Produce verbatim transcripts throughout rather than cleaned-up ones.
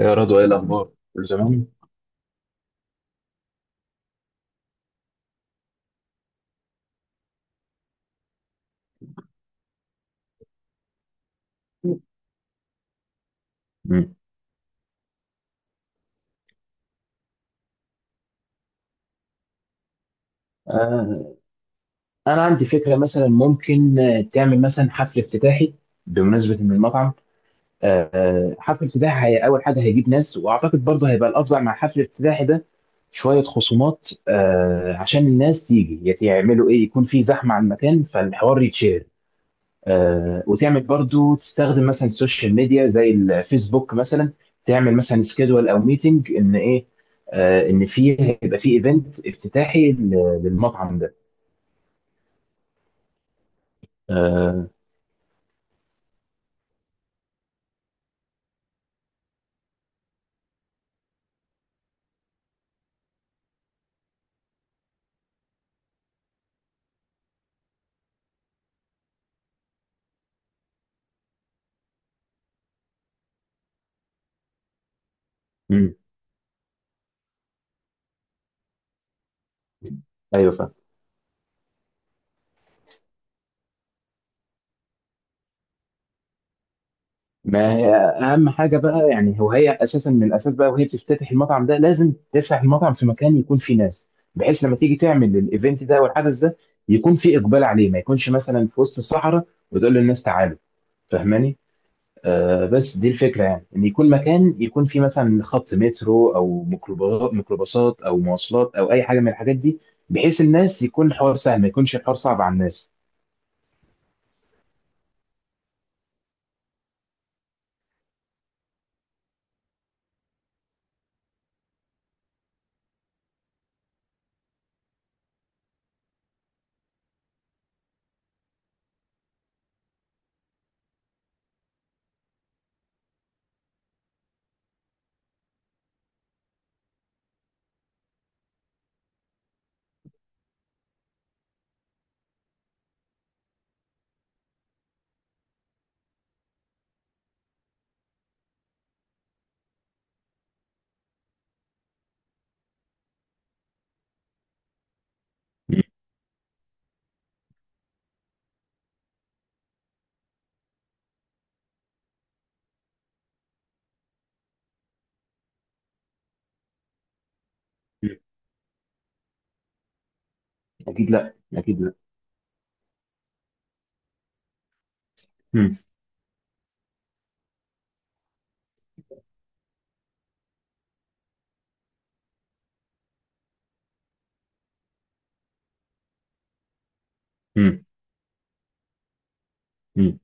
يا رضوى، ايه الاخبار؟ كل زمان. مم. آه، أنا عندي فكرة مثلا، ممكن آه، تعمل مثلا حفل افتتاحي بمناسبة من المطعم. آه، آه، حفل افتتاحي هي أول حاجة هيجيب ناس، وأعتقد برضه هيبقى الأفضل مع حفل الافتتاحي ده شوية خصومات. آه، عشان الناس تيجي يت- يعملوا إيه، يكون في زحمة على المكان فالحوار يتشهر. آه، وتعمل برضو تستخدم مثلا السوشيال ميديا زي الفيسبوك مثلا. تعمل مثلا سكيدول او ميتنج ان ايه، آه، ان فيه، هيبقى فيه ايفنت افتتاحي ل- للمطعم ده. آه، مم، ايوه فاهم. ما هي اهم حاجه بقى، يعني هو هي اساسا من الاساس بقى وهي بتفتتح المطعم ده، لازم تفتح المطعم في مكان يكون فيه ناس، بحيث لما تيجي تعمل الايفنت ده او الحدث ده، يكون فيه اقبال عليه، ما يكونش مثلا في وسط الصحراء وتقول للناس تعالوا. فاهماني؟ آه، بس دي الفكرة، يعني إن يكون مكان يكون فيه مثلا خط مترو أو ميكروبا- ميكروباصات أو مواصلات أو أي حاجة من الحاجات دي، بحيث الناس يكون الحوار سهل، ما يكونش الحوار صعب على الناس. مم. أكيد لا، أكيد لا. مم. مم. مم.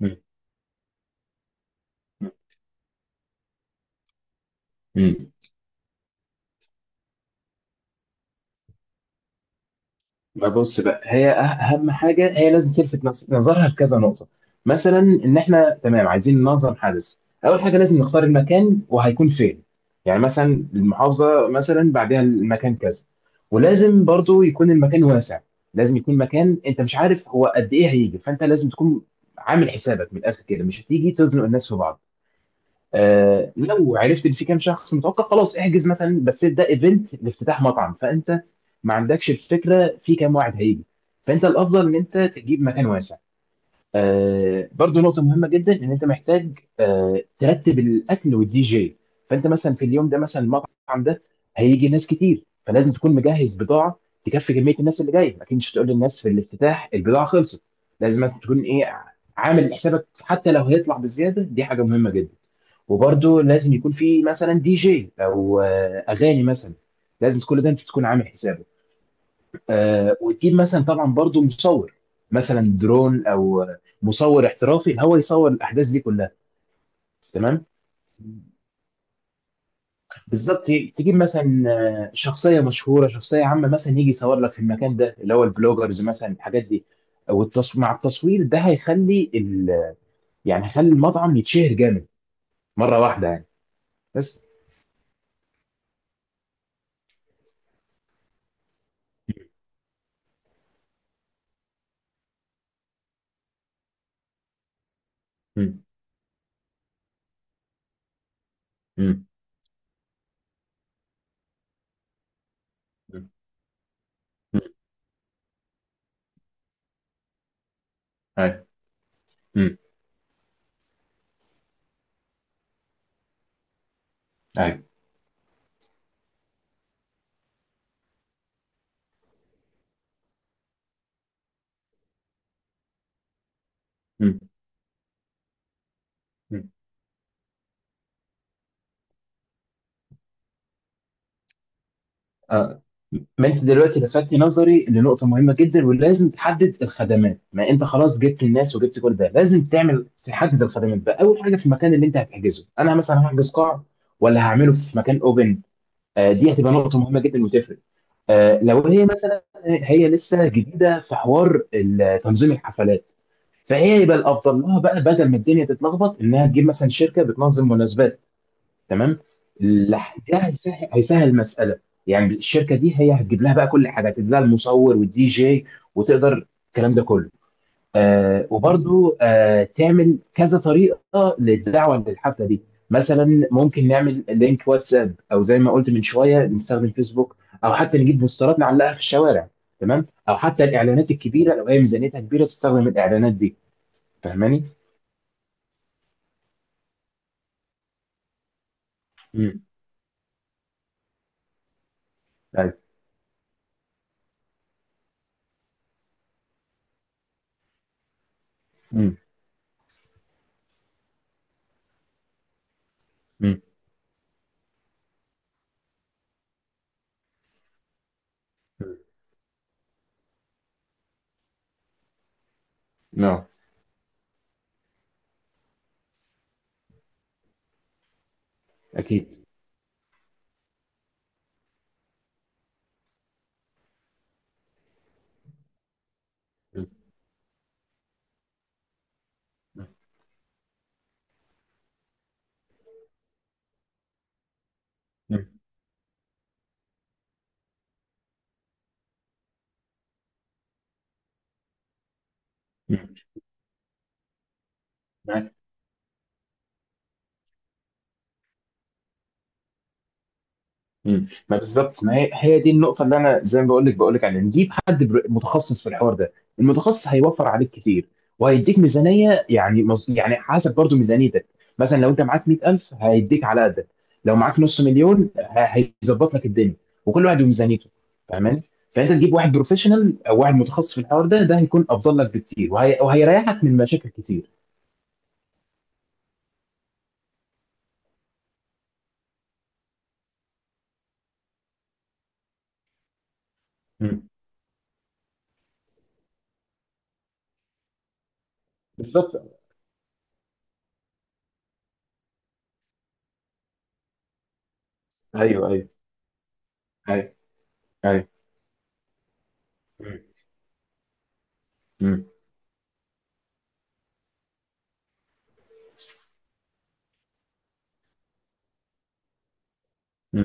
مم. مم. ما بص بقى، هي أه-، اهم حاجه هي لازم تلفت نص- نظرها لكذا نقطه، مثلا ان احنا تمام، عايزين ننظم حدث. اول حاجه لازم نختار المكان وهيكون فين، يعني مثلا المحافظه، مثلا بعدها المكان كذا، ولازم برضو يكون المكان واسع. لازم يكون مكان انت مش عارف هو قد ايه هيجي، فانت لازم تكون عامل حسابك من الاخر كده، مش هتيجي تزنق الناس في بعض. آه لو عرفت ان في كام شخص متوقع، خلاص احجز مثلا، بس ده ايفنت لافتتاح مطعم، فانت ما عندكش الفكره في كام واحد هيجي، فانت الافضل ان انت تجيب مكان واسع. آه برضو نقطه مهمه جدا، ان انت محتاج آه ترتب الاكل والدي جي. فانت مثلا في اليوم ده، مثلا المطعم ده هيجي ناس كتير، فلازم تكون مجهز بضاعه تكفي كميه الناس اللي جايه، اكيد مش هتقول للناس في الافتتاح البضاعه خلصت. لازم مثلا تكون ايه، عامل حسابك، حتى لو هيطلع بزياده، دي حاجه مهمه جدا. وبرده لازم يكون في مثلا دي جي او آه، اغاني مثلا، لازم كل ده انت تكون عامل حسابه. آه، وتجيب مثلا طبعا برضو مصور، مثلا درون او آه، مصور احترافي هو يصور الاحداث دي كلها. تمام، بالظبط. تجيب مثلا آه، شخصيه مشهوره، شخصيه عامه، مثلا يجي يصور لك في المكان ده اللي هو البلوجرز مثلا، الحاجات دي. والتص... مع التصوير ده هيخلي ال... يعني هيخلي المطعم يتشهر جامد مره واحده يعني. بس. مم. مم. مم. مم. أيوة. مم. أيوة. مم. مم. آه. ما انت دلوقتي لفتت نظري لنقطه مهمه جدا، ولازم تحدد الخدمات. ما انت خلاص جبت الناس وجبت كل ده، لازم تعمل تحدد الخدمات بقى. اول حاجه في المكان اللي انت هتحجزه، انا مثلا هحجز قاعه ولا هعمله في مكان اوبن؟ آه دي هتبقى نقطه مهمه جدا وتفرق. آه لو هي مثلا، هي لسه جديده في حوار ال- تنظيم الحفلات، فهي يبقى الافضل لها بقى بدل ما الدنيا تتلخبط انها تجيب مثلا شركه بتنظم مناسبات. تمام. لح- ده هيسهل هيسهل المساله. يعني الشركه دي هي هتجيب لها بقى كل حاجه، هتجيب لها المصور والدي جي وتقدر الكلام ده كله. آه وبرضو آه تعمل كذا طريقه للدعوه للحفله دي، مثلا ممكن نعمل لينك واتساب، او زي ما قلت من شويه نستخدم فيسبوك، او حتى نجيب بوسترات نعلقها في الشوارع. تمام. او حتى الاعلانات الكبيره، لو هي ميزانيتها كبيره تستخدم الاعلانات دي. فاهماني؟ امم. ايوه. امم. امم. نعم. اكيد. مم. مم. مم. ما مم. ما بالظبط. ما هي، هي دي النقطة اللي أنا زي ما بقول لك بقول لك عليها، نجيب حد بر- متخصص في الحوار ده. المتخصص هيوفر عليك كتير، وهيديك ميزانية، يعني مز... يعني حسب برضو ميزانيتك. مثلا لو أنت معاك مية ألف هيديك على قدك، لو معاك نص مليون ه- هيظبط لك الدنيا. وكل واحد وميزانيته. فاهماني؟ فأنت تجيب واحد بروفيشنال أو واحد متخصص في الحوار ده، ده هيكون أفضل لك بكتير، وهي... وهيريحك من مشاكل كتير. مم. بالظبط. أيوه، أيوه، أيوه، أيوه. مم. مم.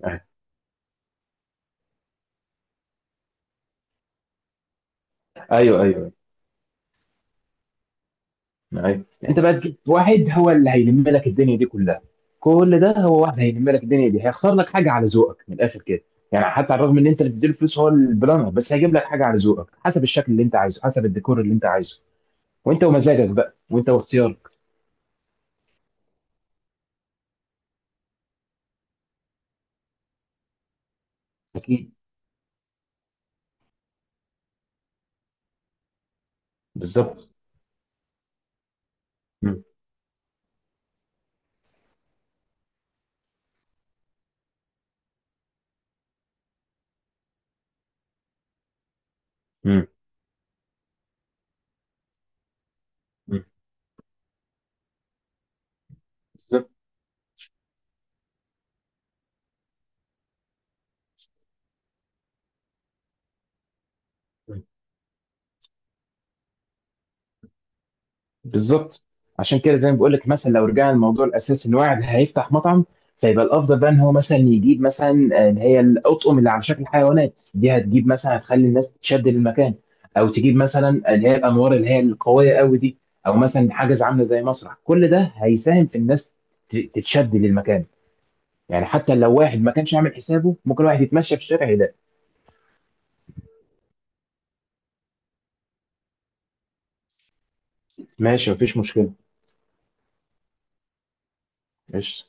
مم. ايوه، ايوه، ايوه. انت بقى تجيب واحد هو اللي هيلم لك الدنيا دي كلها. كل ده، هو واحد هيلم لك الدنيا دي، هيخسر لك حاجه على ذوقك من الاخر كده. يعني حتى على الرغم ان انت اللي بتديله فلوس، هو البلانر بس هيجيب لك حاجه على ذوقك، حسب الشكل اللي انت عايزه، حسب الديكور اللي انت عايزه. وانت ومزاجك بقى، وانت واختيارك. اكيد، بالظبط. مم. مم. مم. بالظبط، بالظبط. عشان كده زي ما بقول لك، مثلا لو رجعنا للموضوع الاساسي ان واحد هيفتح مطعم، فيبقى الافضل بقى ان هو مثلا يجيب مثلا آه، اللي هي الاطقم اللي على شكل حيوانات دي، هتجيب مثلا هتخلي الناس تشد للمكان. او تجيب مثلا اللي هي الانوار اللي هي القويه قوي دي، او مثلا حاجز عامله زي مسرح. كل ده هيساهم في الناس ت- تتشد للمكان. يعني حتى لو واحد ما كانش عامل حسابه، ممكن واحد يتمشى في الشارع يلاقي. ماشي، مفيش مشكله. قشطه.